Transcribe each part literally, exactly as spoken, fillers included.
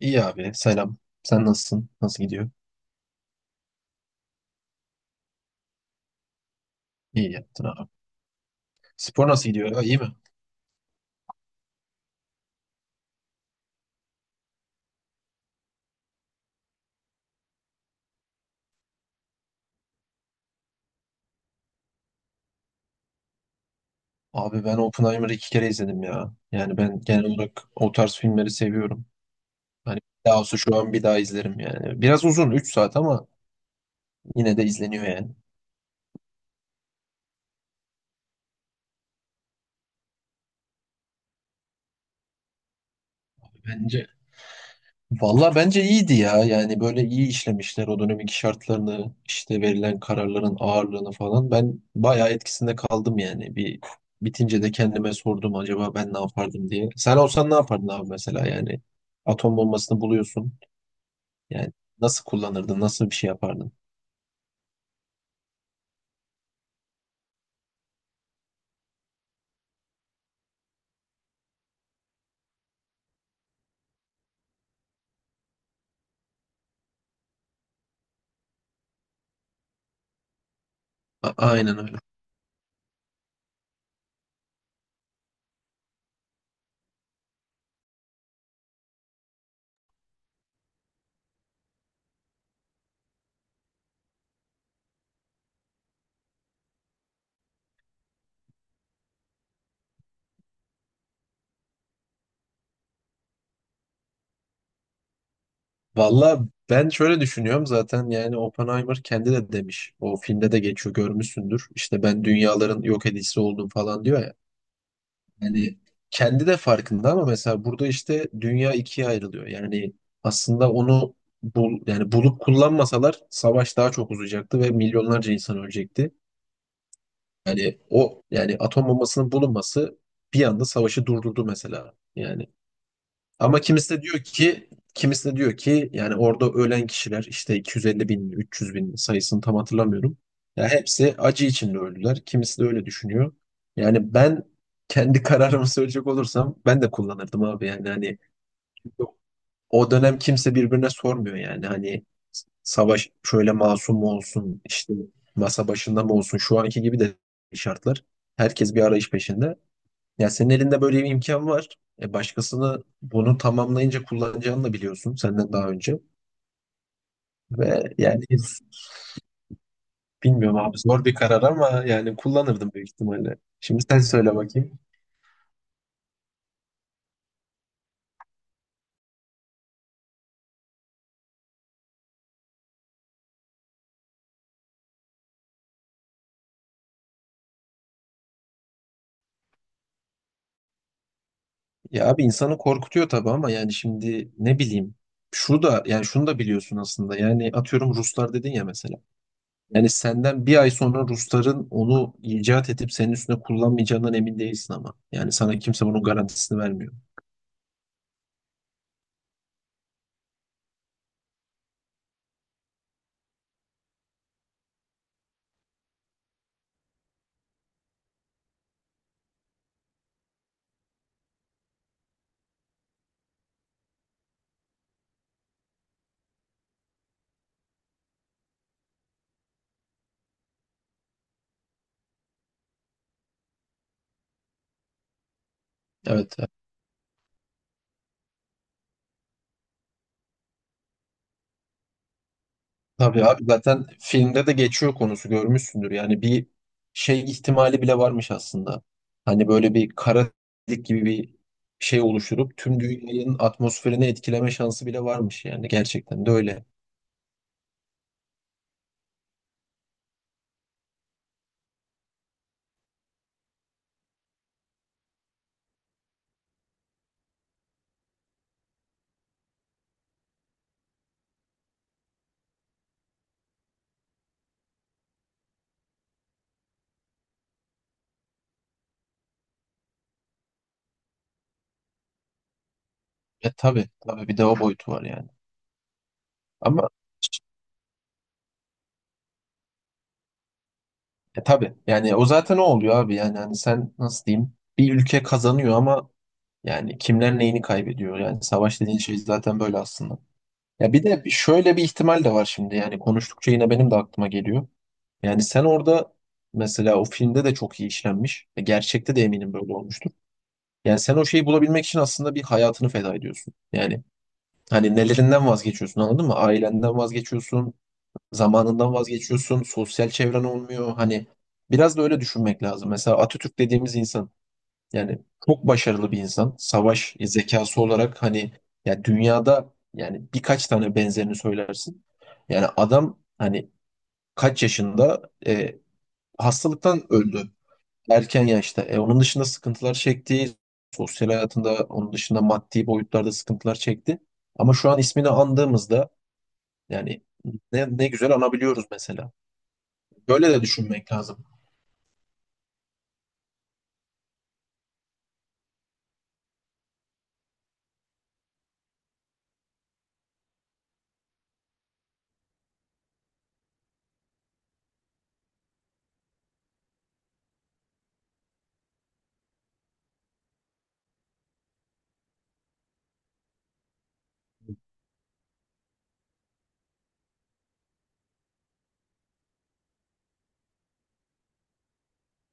İyi abi, selam. Sen nasılsın? Nasıl gidiyor? İyi yaptın abi. Spor nasıl gidiyor? Ya, iyi mi? Abi, ben Oppenheimer'ı iki kere izledim ya. Yani ben genel olarak o tarz filmleri seviyorum. Hani daha olsa şu an bir daha izlerim yani. Biraz uzun, üç saat, ama yine de izleniyor yani. Bence Valla bence iyiydi ya. Yani böyle iyi işlemişler o dönemin şartlarını, işte verilen kararların ağırlığını falan. Ben bayağı etkisinde kaldım yani. Bir bitince de kendime sordum, acaba ben ne yapardım diye. Sen olsan ne yapardın abi mesela yani? Atom bombasını buluyorsun. Yani nasıl kullanırdın, nasıl bir şey yapardın? A- aynen öyle. Valla ben şöyle düşünüyorum zaten, yani Oppenheimer kendi de demiş. O filmde de geçiyor, görmüşsündür. İşte ben dünyaların yok edicisi oldum falan diyor ya. Yani kendi de farkında ama mesela burada işte dünya ikiye ayrılıyor. Yani aslında onu bul, yani bulup kullanmasalar savaş daha çok uzayacaktı ve milyonlarca insan ölecekti. Yani o, yani atom bombasının bulunması bir anda savaşı durdurdu mesela. Yani ama kimisi de diyor ki kimisi de diyor ki yani orada ölen kişiler, işte iki yüz elli bin, üç yüz bin, sayısını tam hatırlamıyorum. Ya hepsi acı içinde öldüler. Kimisi de öyle düşünüyor. Yani ben kendi kararımı söyleyecek olursam, ben de kullanırdım abi, yani hani o dönem kimse birbirine sormuyor yani. Hani savaş şöyle masum mu olsun, işte masa başında mı olsun şu anki gibi de şartlar. Herkes bir arayış peşinde. Ya senin elinde böyle bir imkan var. E, başkasını bunu tamamlayınca kullanacağını da biliyorsun senden daha önce. Ve yani bilmiyorum abi, zor bir karar, ama yani kullanırdım büyük ihtimalle. Şimdi sen söyle bakayım. Ya abi, insanı korkutuyor tabii, ama yani şimdi ne bileyim, şunu da yani şunu da biliyorsun aslında. Yani atıyorum, Ruslar dedin ya mesela, yani senden bir ay sonra Rusların onu icat edip senin üstüne kullanmayacağından emin değilsin. Ama yani sana kimse bunun garantisini vermiyor. Evet, evet. Tabii abi, zaten filmde de geçiyor konusu, görmüşsündür. Yani bir şey ihtimali bile varmış aslında, hani böyle bir kara delik gibi bir şey oluşturup tüm dünyanın atmosferini etkileme şansı bile varmış, yani gerçekten de öyle. E tabii tabii, bir de o boyutu var yani. Ama e tabii, yani o zaten o oluyor abi. Yani hani sen, nasıl diyeyim, bir ülke kazanıyor ama yani kimler neyini kaybediyor? Yani savaş dediğin şey zaten böyle aslında. Ya bir de şöyle bir ihtimal de var şimdi, yani konuştukça yine benim de aklıma geliyor. Yani sen orada, mesela o filmde de çok iyi işlenmiş. E, Gerçekte de eminim böyle olmuştur. Yani sen o şeyi bulabilmek için aslında bir hayatını feda ediyorsun. Yani hani nelerinden vazgeçiyorsun anladın mı? Ailenden vazgeçiyorsun, zamanından vazgeçiyorsun, sosyal çevren olmuyor. Hani biraz da öyle düşünmek lazım. Mesela Atatürk dediğimiz insan, yani çok başarılı bir insan. Savaş zekası olarak hani ya, dünyada yani birkaç tane benzerini söylersin. Yani adam hani kaç yaşında, e, hastalıktan öldü erken yaşta. E, onun dışında sıkıntılar çekti. Sosyal hayatında, onun dışında maddi boyutlarda sıkıntılar çekti. Ama şu an ismini andığımızda yani ne, ne güzel anabiliyoruz mesela. Böyle de düşünmek lazım.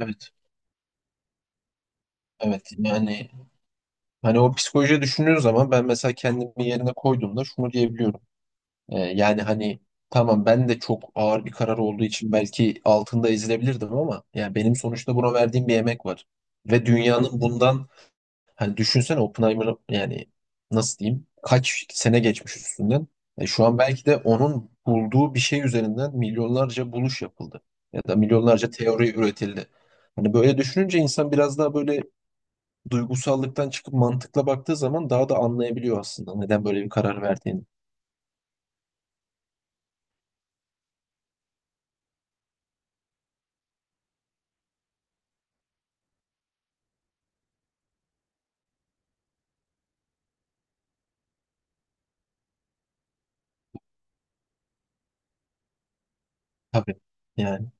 Evet. Evet. Yani hani o psikolojiyi düşündüğün zaman, ben mesela kendimi yerine koyduğumda şunu diyebiliyorum. Ee, yani hani tamam, ben de çok ağır bir karar olduğu için belki altında ezilebilirdim, ama yani benim sonuçta buna verdiğim bir emek var. Ve dünyanın bundan… Hani düşünsene Oppenheimer'ı, yani nasıl diyeyim, kaç sene geçmiş üstünden. E, şu an belki de onun bulduğu bir şey üzerinden milyonlarca buluş yapıldı. Ya da milyonlarca teori üretildi. Hani böyle düşününce insan biraz daha böyle duygusallıktan çıkıp mantıkla baktığı zaman daha da anlayabiliyor aslında neden böyle bir karar verdiğini. Tabii. Yani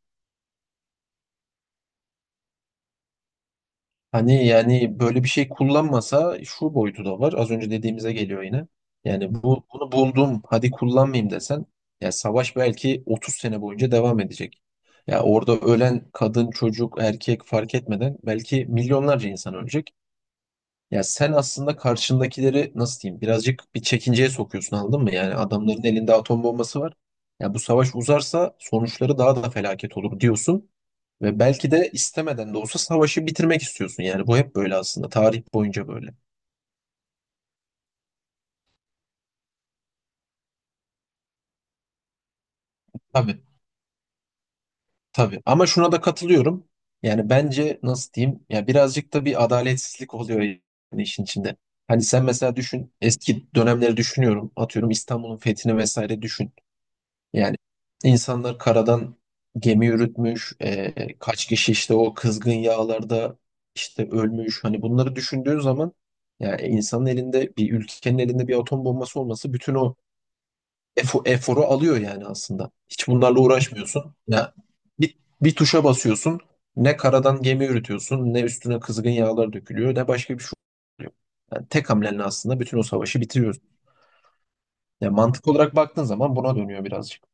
hani yani böyle bir şey kullanmasa şu boyutu da var. Az önce dediğimize geliyor yine. Yani bu, bunu buldum, hadi kullanmayayım desen, ya savaş belki otuz sene boyunca devam edecek. Ya orada ölen kadın, çocuk, erkek fark etmeden belki milyonlarca insan ölecek. Ya sen aslında karşındakileri, nasıl diyeyim, birazcık bir çekinceye sokuyorsun anladın mı? Yani adamların elinde atom bombası var. Ya bu savaş uzarsa sonuçları daha da felaket olur diyorsun. Ve belki de istemeden de olsa savaşı bitirmek istiyorsun. Yani bu hep böyle aslında. Tarih boyunca böyle. Tabii tabii. Ama şuna da katılıyorum. Yani bence nasıl diyeyim? Ya birazcık da bir adaletsizlik oluyor yani işin içinde. Hani sen mesela düşün, eski dönemleri düşünüyorum. Atıyorum İstanbul'un fethini vesaire düşün. Yani insanlar karadan gemi yürütmüş, e, kaç kişi işte o kızgın yağlarda işte ölmüş. Hani bunları düşündüğün zaman, yani insanın elinde, bir ülkenin elinde bir atom bombası olması bütün o efo- eforu alıyor yani aslında. Hiç bunlarla uğraşmıyorsun. Ya bir, bir tuşa basıyorsun. Ne karadan gemi yürütüyorsun, ne üstüne kızgın yağlar dökülüyor, ne başka bir şey oluyor. Yani tek hamlenle aslında bütün o savaşı bitiriyorsun. Yani mantık olarak baktığın zaman buna dönüyor birazcık.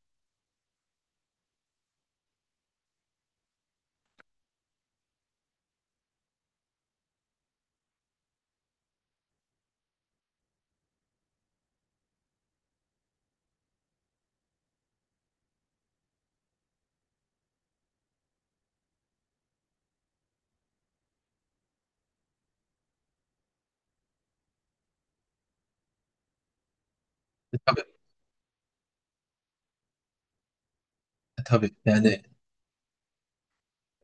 E, Tabii, e, tabii. Yani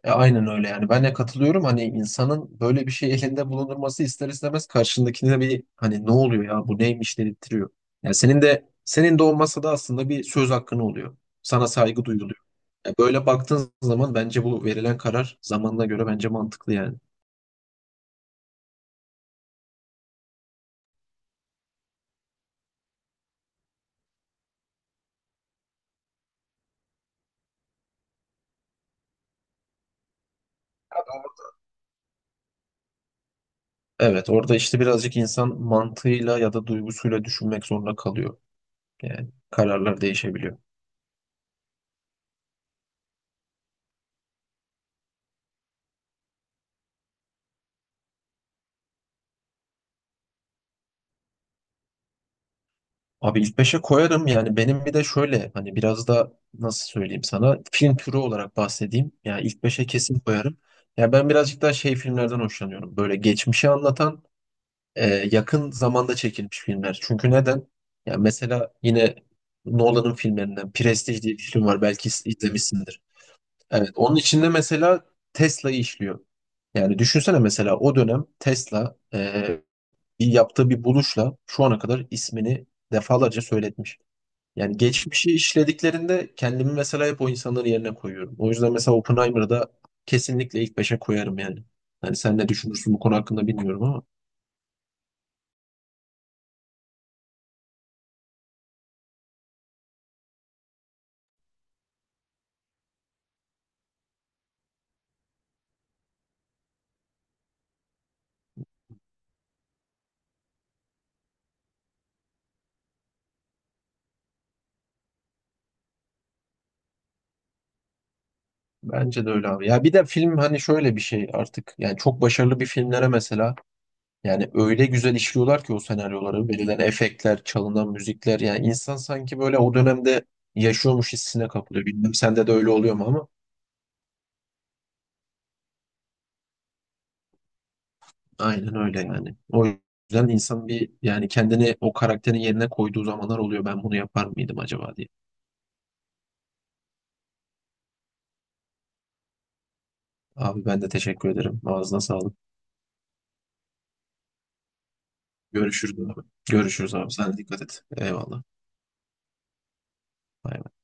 e, aynen öyle yani. Ben de katılıyorum. Hani insanın böyle bir şey elinde bulundurması ister istemez karşındakine bir hani, ne oluyor ya, bu neymiş dedirtiyor. Yani senin de senin de olmasa da aslında bir söz hakkın oluyor. Sana saygı duyuluyor. E, böyle baktığın zaman bence bu verilen karar zamanına göre bence mantıklı yani. Evet, orada işte birazcık insan mantığıyla ya da duygusuyla düşünmek zorunda kalıyor. Yani kararlar değişebiliyor. Abi ilk beşe koyarım yani. Benim bir de şöyle hani, biraz da nasıl söyleyeyim sana, film türü olarak bahsedeyim. Yani ilk beşe kesin koyarım. Ya ben birazcık daha şey filmlerden hoşlanıyorum. Böyle geçmişi anlatan, e, yakın zamanda çekilmiş filmler. Çünkü neden? Ya mesela yine Nolan'ın filmlerinden Prestige diye bir film var. Belki iz- izlemişsindir. Evet, onun içinde mesela Tesla'yı işliyor. Yani düşünsene mesela o dönem Tesla e, bir yaptığı bir buluşla şu ana kadar ismini defalarca söyletmiş. Yani geçmişi işlediklerinde kendimi mesela hep o insanların yerine koyuyorum. O yüzden mesela Oppenheimer'ı da kesinlikle ilk beşe koyarım yani. Yani sen ne düşünürsün bu konu hakkında bilmiyorum ama. Bence de öyle abi. Ya bir de film hani şöyle bir şey artık. Yani çok başarılı bir filmlere mesela, yani öyle güzel işliyorlar ki o senaryoları, verilen efektler, çalınan müzikler. Yani insan sanki böyle o dönemde yaşıyormuş hissine kapılıyor. Bilmem sende de öyle oluyor mu, ama aynen öyle yani. O yüzden insan bir, yani kendini o karakterin yerine koyduğu zamanlar oluyor. Ben bunu yapar mıydım acaba diye. Abi ben de teşekkür ederim. Ağzına sağlık. Görüşürüz abi. Görüşürüz abi. Sen de dikkat et. Eyvallah. Bay bay.